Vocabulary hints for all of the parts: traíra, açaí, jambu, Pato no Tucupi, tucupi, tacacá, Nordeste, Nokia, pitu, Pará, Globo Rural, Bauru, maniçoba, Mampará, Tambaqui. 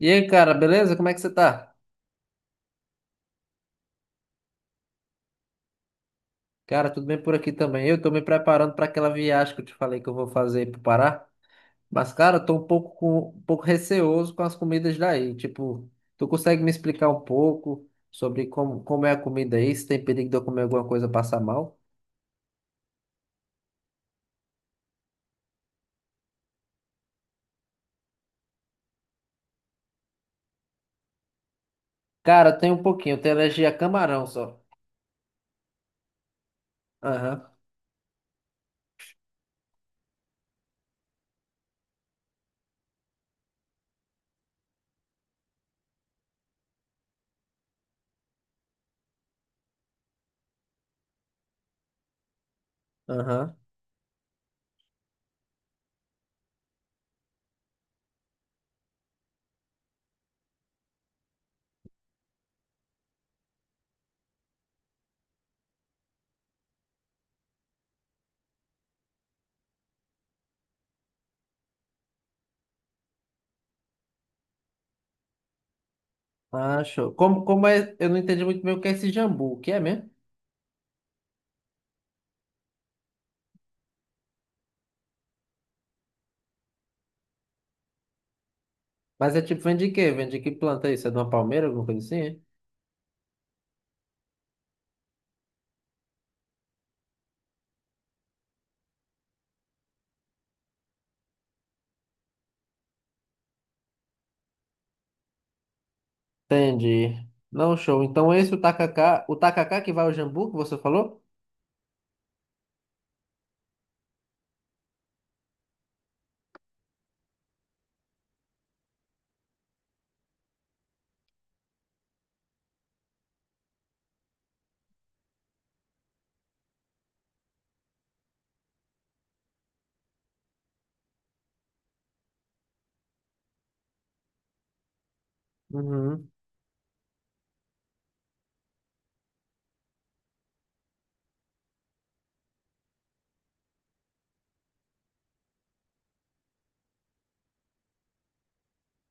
E aí, cara, beleza? Como é que você tá? Cara, tudo bem por aqui também. Eu tô me preparando para aquela viagem que eu te falei que eu vou fazer aí pro Pará. Mas, cara, eu tô um pouco, um pouco receoso com as comidas daí. Tipo, tu consegue me explicar um pouco sobre como é a comida aí? Se tem perigo de eu comer alguma coisa e passar mal? Cara, tem um pouquinho. Eu tenho alergia a camarão só. Aham, aham. Ah, show. Como é? Eu não entendi muito bem o que é esse jambu. O que é mesmo? Mas é tipo, vem de quê? Vem de que planta isso? É de uma palmeira, alguma coisa assim? É? Entendi. Não, show. Então esse o tacacá que vai ao jambu, que você falou? Uhum.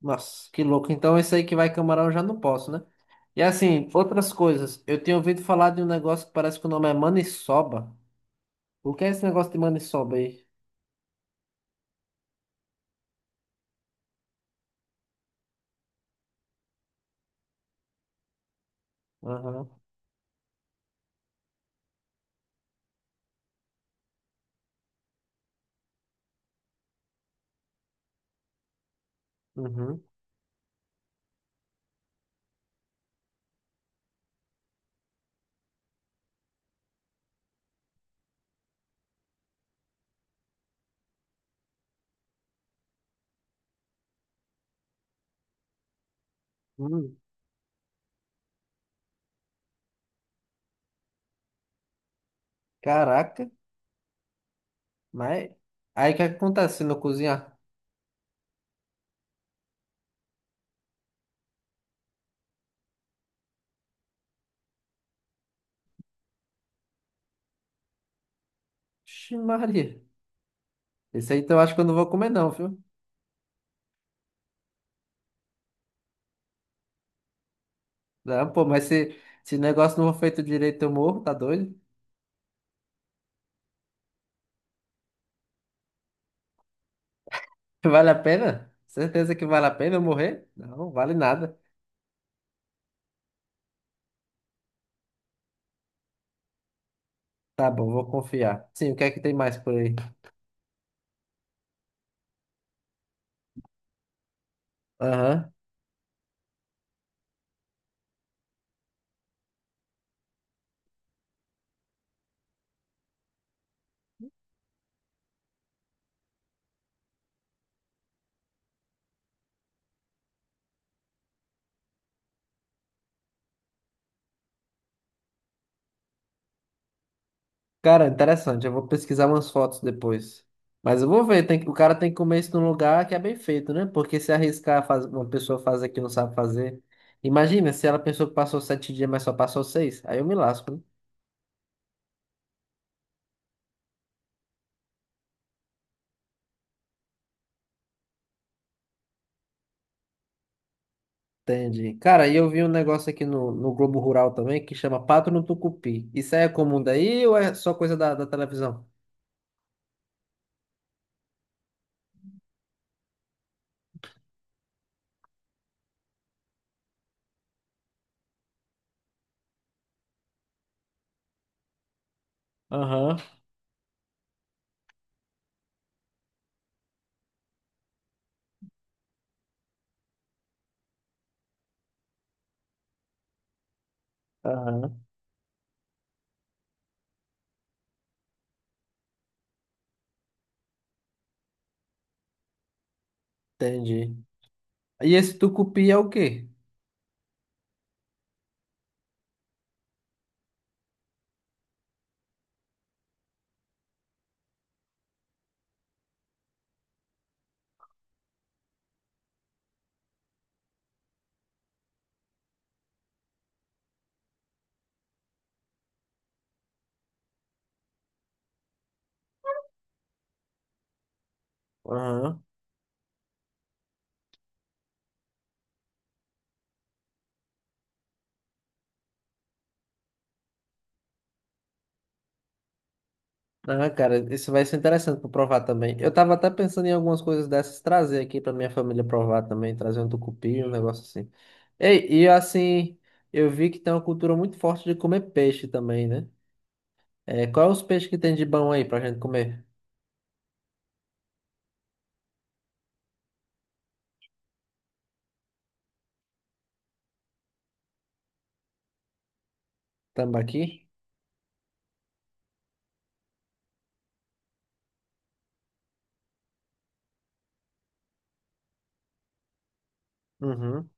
Nossa, que louco. Então esse aí que vai camarão eu já não posso, né? E assim, outras coisas. Eu tinha ouvido falar de um negócio que parece que o nome é maniçoba. O que é esse negócio de maniçoba aí? Aham. Uhum. Hum. Caraca, mas aí o que acontece se não cozinhar? Ixi, Maria. Esse aí então eu acho que eu não vou comer não, viu? Não, pô, mas se o negócio não for feito direito eu morro, tá doido? Vale a pena? Certeza que vale a pena eu morrer? Não, vale nada. Tá bom, vou confiar. Sim, o que é que tem mais por aí? Aham. Cara, interessante. Eu vou pesquisar umas fotos depois. Mas eu vou ver, o cara tem que comer isso num lugar que é bem feito, né? Porque se arriscar faz, uma pessoa fazer que não sabe fazer. Imagina se ela pensou que passou 7 dias, mas só passou 6. Aí eu me lasco, né? Entendi. Cara, e eu vi um negócio aqui no Globo Rural também que chama Pato no Tucupi. Isso aí é comum daí ou é só coisa da televisão? Aham. Aham. Entendi. E esse tucupi é o quê? Aham. Ah, cara, isso vai ser interessante para provar também. Eu tava até pensando em algumas coisas dessas trazer aqui para minha família provar também, trazer um tucupi, um negócio assim. Ei, e assim, eu vi que tem uma cultura muito forte de comer peixe também, né? É, qual é os peixes que tem de bom aí pra gente comer? Tambaqui? Uhum.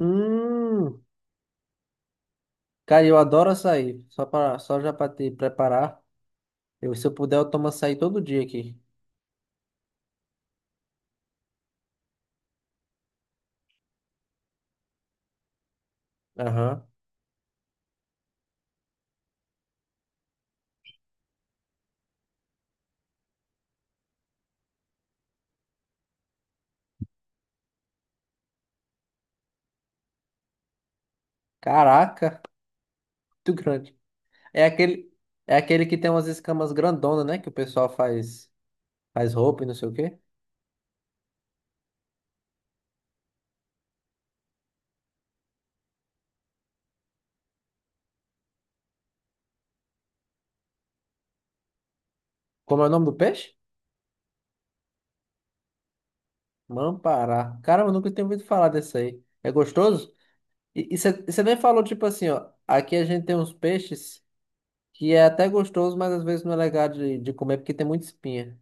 Hum, cara, eu adoro açaí. Só para, só já para te preparar. Eu, se eu puder, eu tomo açaí todo dia aqui. Aham. Caraca, muito grande. É aquele, é aquele que tem umas escamas grandonas, né? Que o pessoal faz, faz roupa e não sei o quê. Como é o nome do peixe? Mampará. Caramba, eu nunca tinha ouvido falar desse aí. É gostoso? E você nem falou, tipo assim, ó. Aqui a gente tem uns peixes que é até gostoso, mas às vezes não é legal de comer porque tem muita espinha.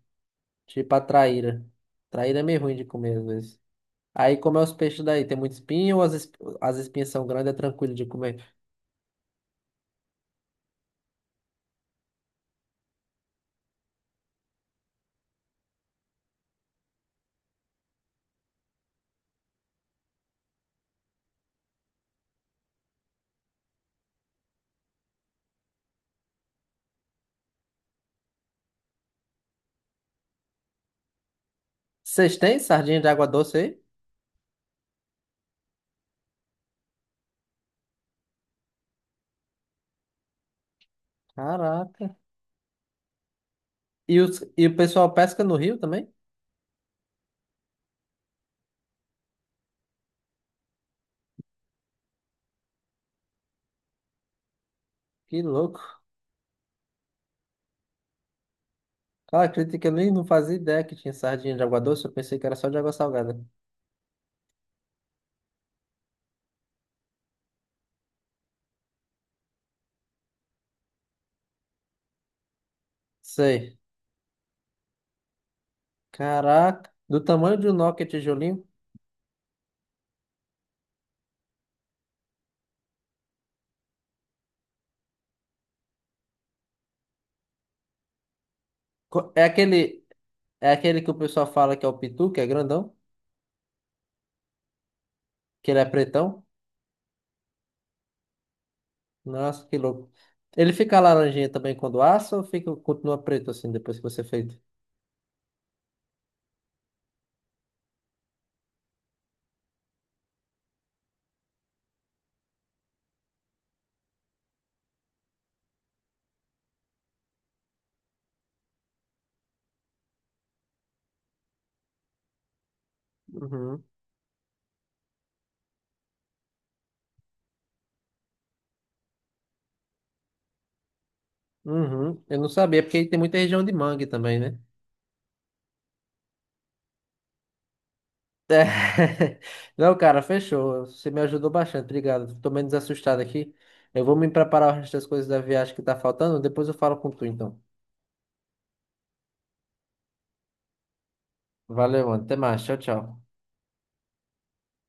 Tipo a traíra. Traíra é meio ruim de comer às vezes. Aí como é os peixes daí? Tem muita espinha ou as espinhas são grandes, é tranquilo de comer? Vocês têm sardinha de água doce aí? Caraca. E o pessoal pesca no rio também? Que louco. Cara, acredita que eu nem não fazia ideia que tinha sardinha de água doce, eu pensei que era só de água salgada. Sei. Caraca, do tamanho de um Nokia tijolinho. Co- É aquele, é aquele que o pessoal fala que é o pitu, que é grandão, que ele é pretão. Nossa, que louco. Ele fica laranjinha também quando assa ou fica, continua preto assim depois que você feito? Uhum. Eu não sabia, porque tem muita região de mangue também, né? É. Não, cara, fechou. Você me ajudou bastante, obrigado. Tô menos assustado aqui. Eu vou me preparar o resto das coisas da viagem que tá faltando. Depois eu falo com tu, então. Valeu, mano. Até mais. Tchau, tchau.